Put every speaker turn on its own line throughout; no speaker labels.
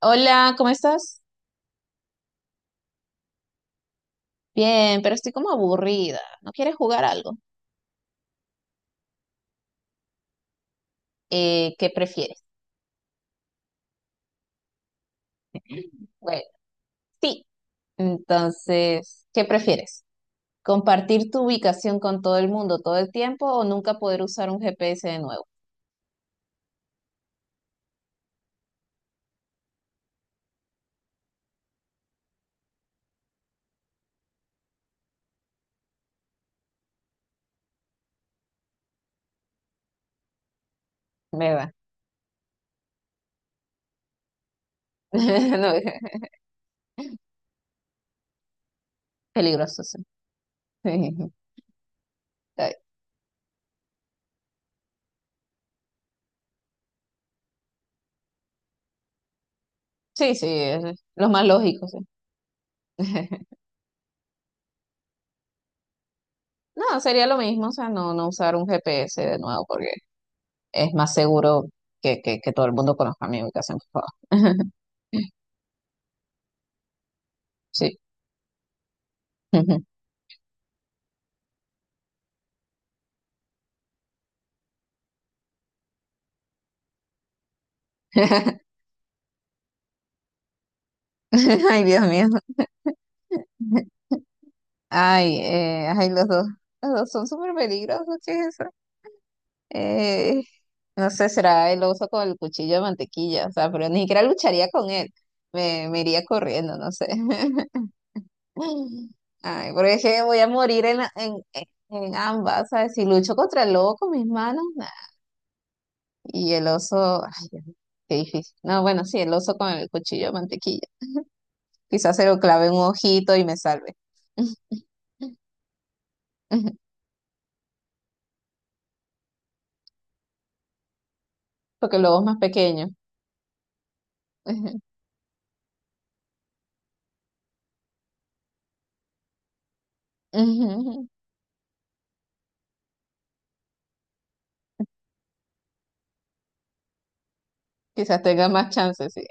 Hola, ¿cómo estás? Bien, pero estoy como aburrida. ¿No quieres jugar algo? ¿Qué prefieres? Bueno, sí. Entonces, ¿qué prefieres? ¿Compartir tu ubicación con todo el mundo todo el tiempo o nunca poder usar un GPS de nuevo? ¿Verdad? No, peligroso, sí. Sí, sí, es lo más lógico, sí. No, sería lo mismo, o sea, no, no usar un GPS de nuevo porque es más seguro que todo el mundo conozca mi ubicación, por favor. Sí. Ay, Dios mío. Ay, ay, los dos son súper peligrosos, ¿qué es eso? Eh, no sé, será el oso con el cuchillo de mantequilla, o sea, pero ni siquiera lucharía con él, me iría corriendo, no sé. Ay, porque es que voy a morir en, la- en ambas, ¿sabes? Si lucho contra el lobo con mis manos, nah. Y el oso, ay, Dios mío, qué difícil. No, bueno, sí, el oso con el cuchillo de mantequilla. Quizás se lo clave en un ojito y me salve. Porque el lobo es más pequeño. Ujú, quizás tenga más chances, sí.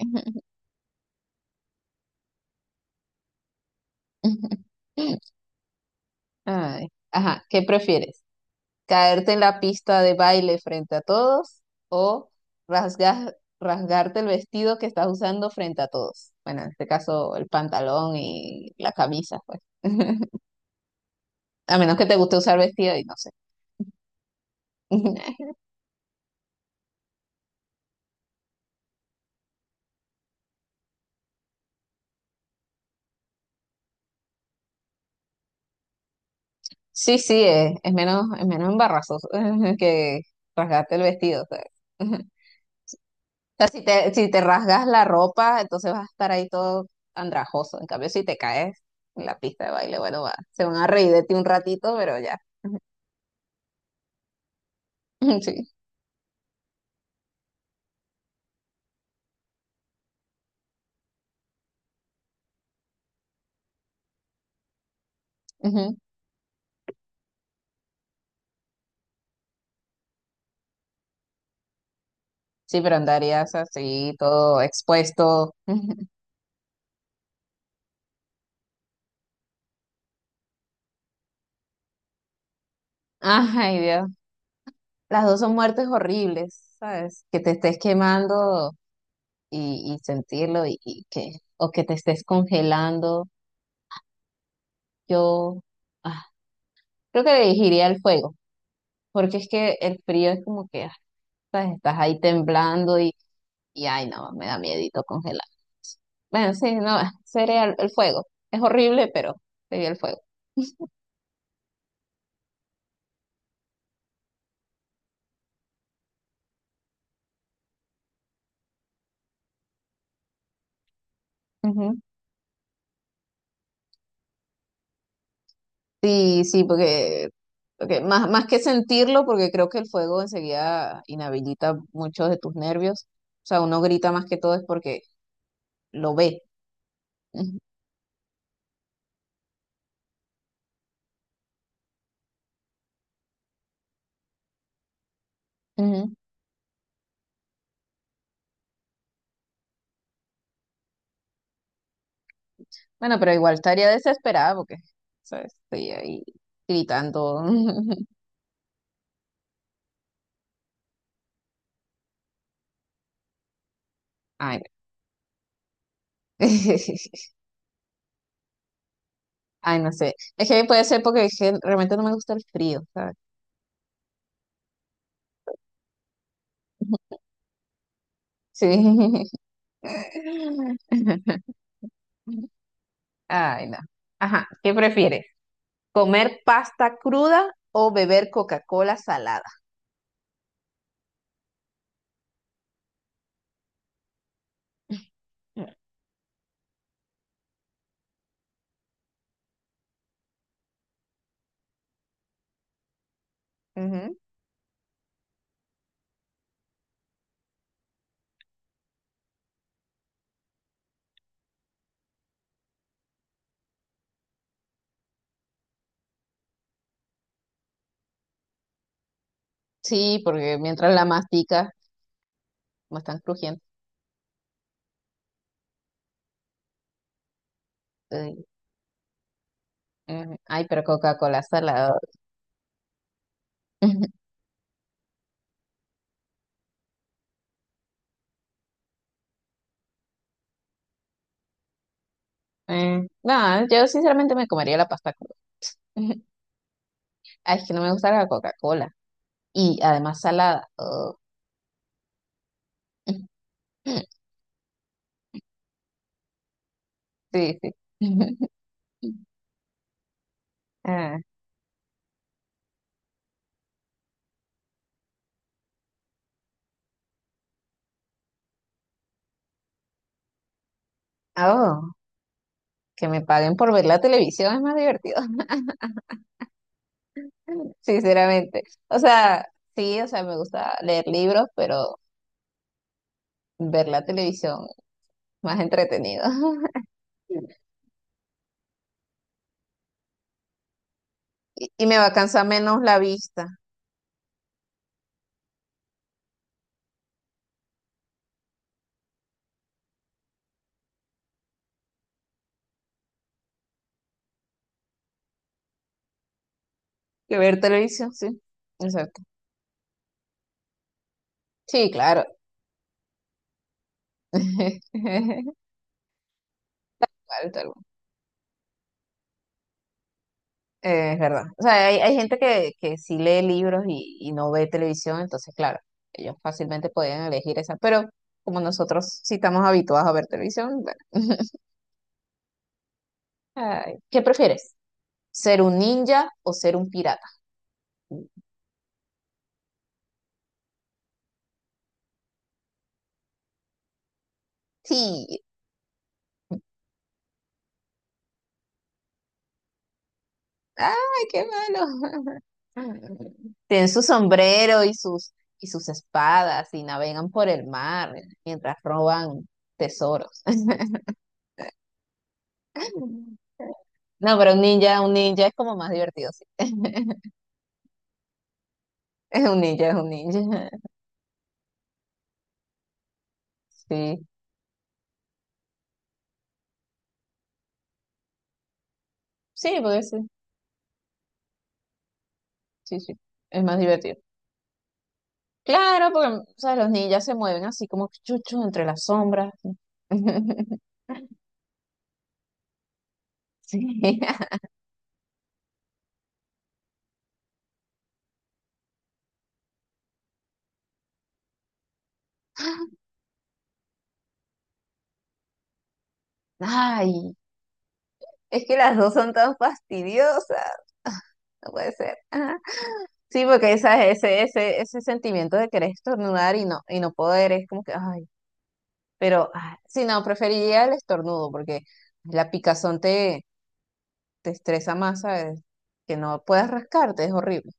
Ay, ajá, ¿qué prefieres? ¿Caerte en la pista de baile frente a todos o rasgarte el vestido que estás usando frente a todos? Bueno, en este caso el pantalón y la camisa, pues. A menos que te guste usar vestido y no sé. Sí, sí, es menos embarazoso que rasgarte el vestido, ¿sabes? Sea, si te rasgas la ropa, entonces vas a estar ahí todo andrajoso. En cambio, si te caes en la pista de baile, bueno, va, se van a reír de ti un ratito, pero ya. Sí, ujú. Sí, pero andarías así, todo expuesto. Ay, Dios. Las dos son muertes horribles, ¿sabes? Que te estés quemando y sentirlo y que, o que te estés congelando. Yo ah, creo que elegiría el fuego, porque es que el frío es como que ah, ¿sabes? Estás ahí temblando y ay, no, me da miedito congelar. Bueno, sí, no, sería el fuego. Es horrible, pero sería el fuego. Ujú. Sí, sí, porque, porque más, más que sentirlo, porque creo que el fuego enseguida inhabilita muchos de tus nervios. O sea, uno grita más que todo es porque lo ve. Ujú, ujú. Bueno, pero igual estaría desesperada porque, ¿sabes? Estoy ahí gritando. Ay, no. Ay, no sé. Es que puede ser porque es que realmente no me gusta el frío, ¿sabes? Sí. Ay, no. Ajá, ¿qué prefieres? ¿Comer pasta cruda o beber Coca-Cola salada? Mm, ujú. Sí, porque mientras la masticas, no están crujientes. Ay, ujú. Ay, pero Coca-Cola salada. No, yo sinceramente me comería la pasta cruda. Ay, es que no me gusta la Coca-Cola. Y además salada. Oh. Sí, sí. Ah, oh, que me paguen por ver la televisión es más divertido. Sinceramente. O sea, sí, o sea, me gusta leer libros, pero ver la televisión más entretenido. Y, y me va a cansar menos la vista que ver televisión, sí. Exacto. Sí, claro. Claro, tal. Es verdad. O sea, hay gente que sí lee libros y no ve televisión, entonces, claro, ellos fácilmente podían elegir esa, pero como nosotros sí estamos habituados a ver televisión, bueno. Ay, ¿qué prefieres? ¿Ser un ninja o ser un pirata? Sí, ¡ay, qué malo! Tienen su sombrero y sus espadas y navegan por el mar mientras roban tesoros. No, pero un ninja es como más divertido, sí. Un ninja es un ninja. Sí, sí, porque sí, sí, sí, es más divertido. Claro, porque, o sea, los ninjas se mueven así como chuchos entre las sombras. Sí. Ay, es que las dos son tan fastidiosas. No puede ser. Sí, porque ¿sabes? Ese sentimiento de querer estornudar y no poder, es como que, ay, pero ah, sí, no, preferiría el estornudo porque la picazón te, te estresa más, ¿sabes? Que no puedas rascarte, es horrible.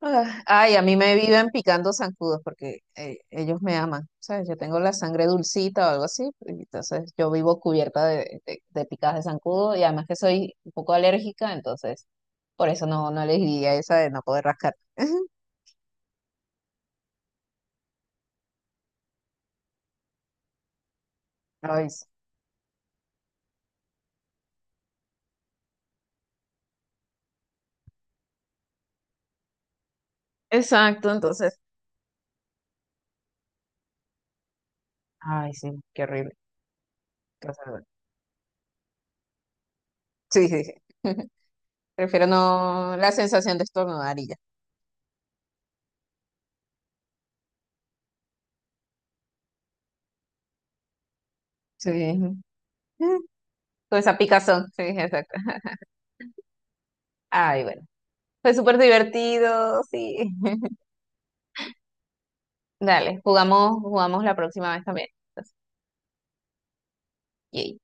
Ah, ay, a mí me viven picando zancudos porque ellos me aman, ¿sabes? Yo tengo la sangre dulcita o algo así, y entonces yo vivo cubierta de picadas de zancudo y además que soy un poco alérgica, entonces por eso no, no elegiría esa de no poder rascar. Ay, sí. Exacto, entonces, ay, sí, qué horrible. Qué horror. Sí, sí, sí. Prefiero no la sensación de estornudar y ya. Sí. Con esa picazón. Sí, exacto. Ay, bueno. Fue súper divertido, sí. Dale, jugamos, jugamos la próxima vez también. Entonces, yay.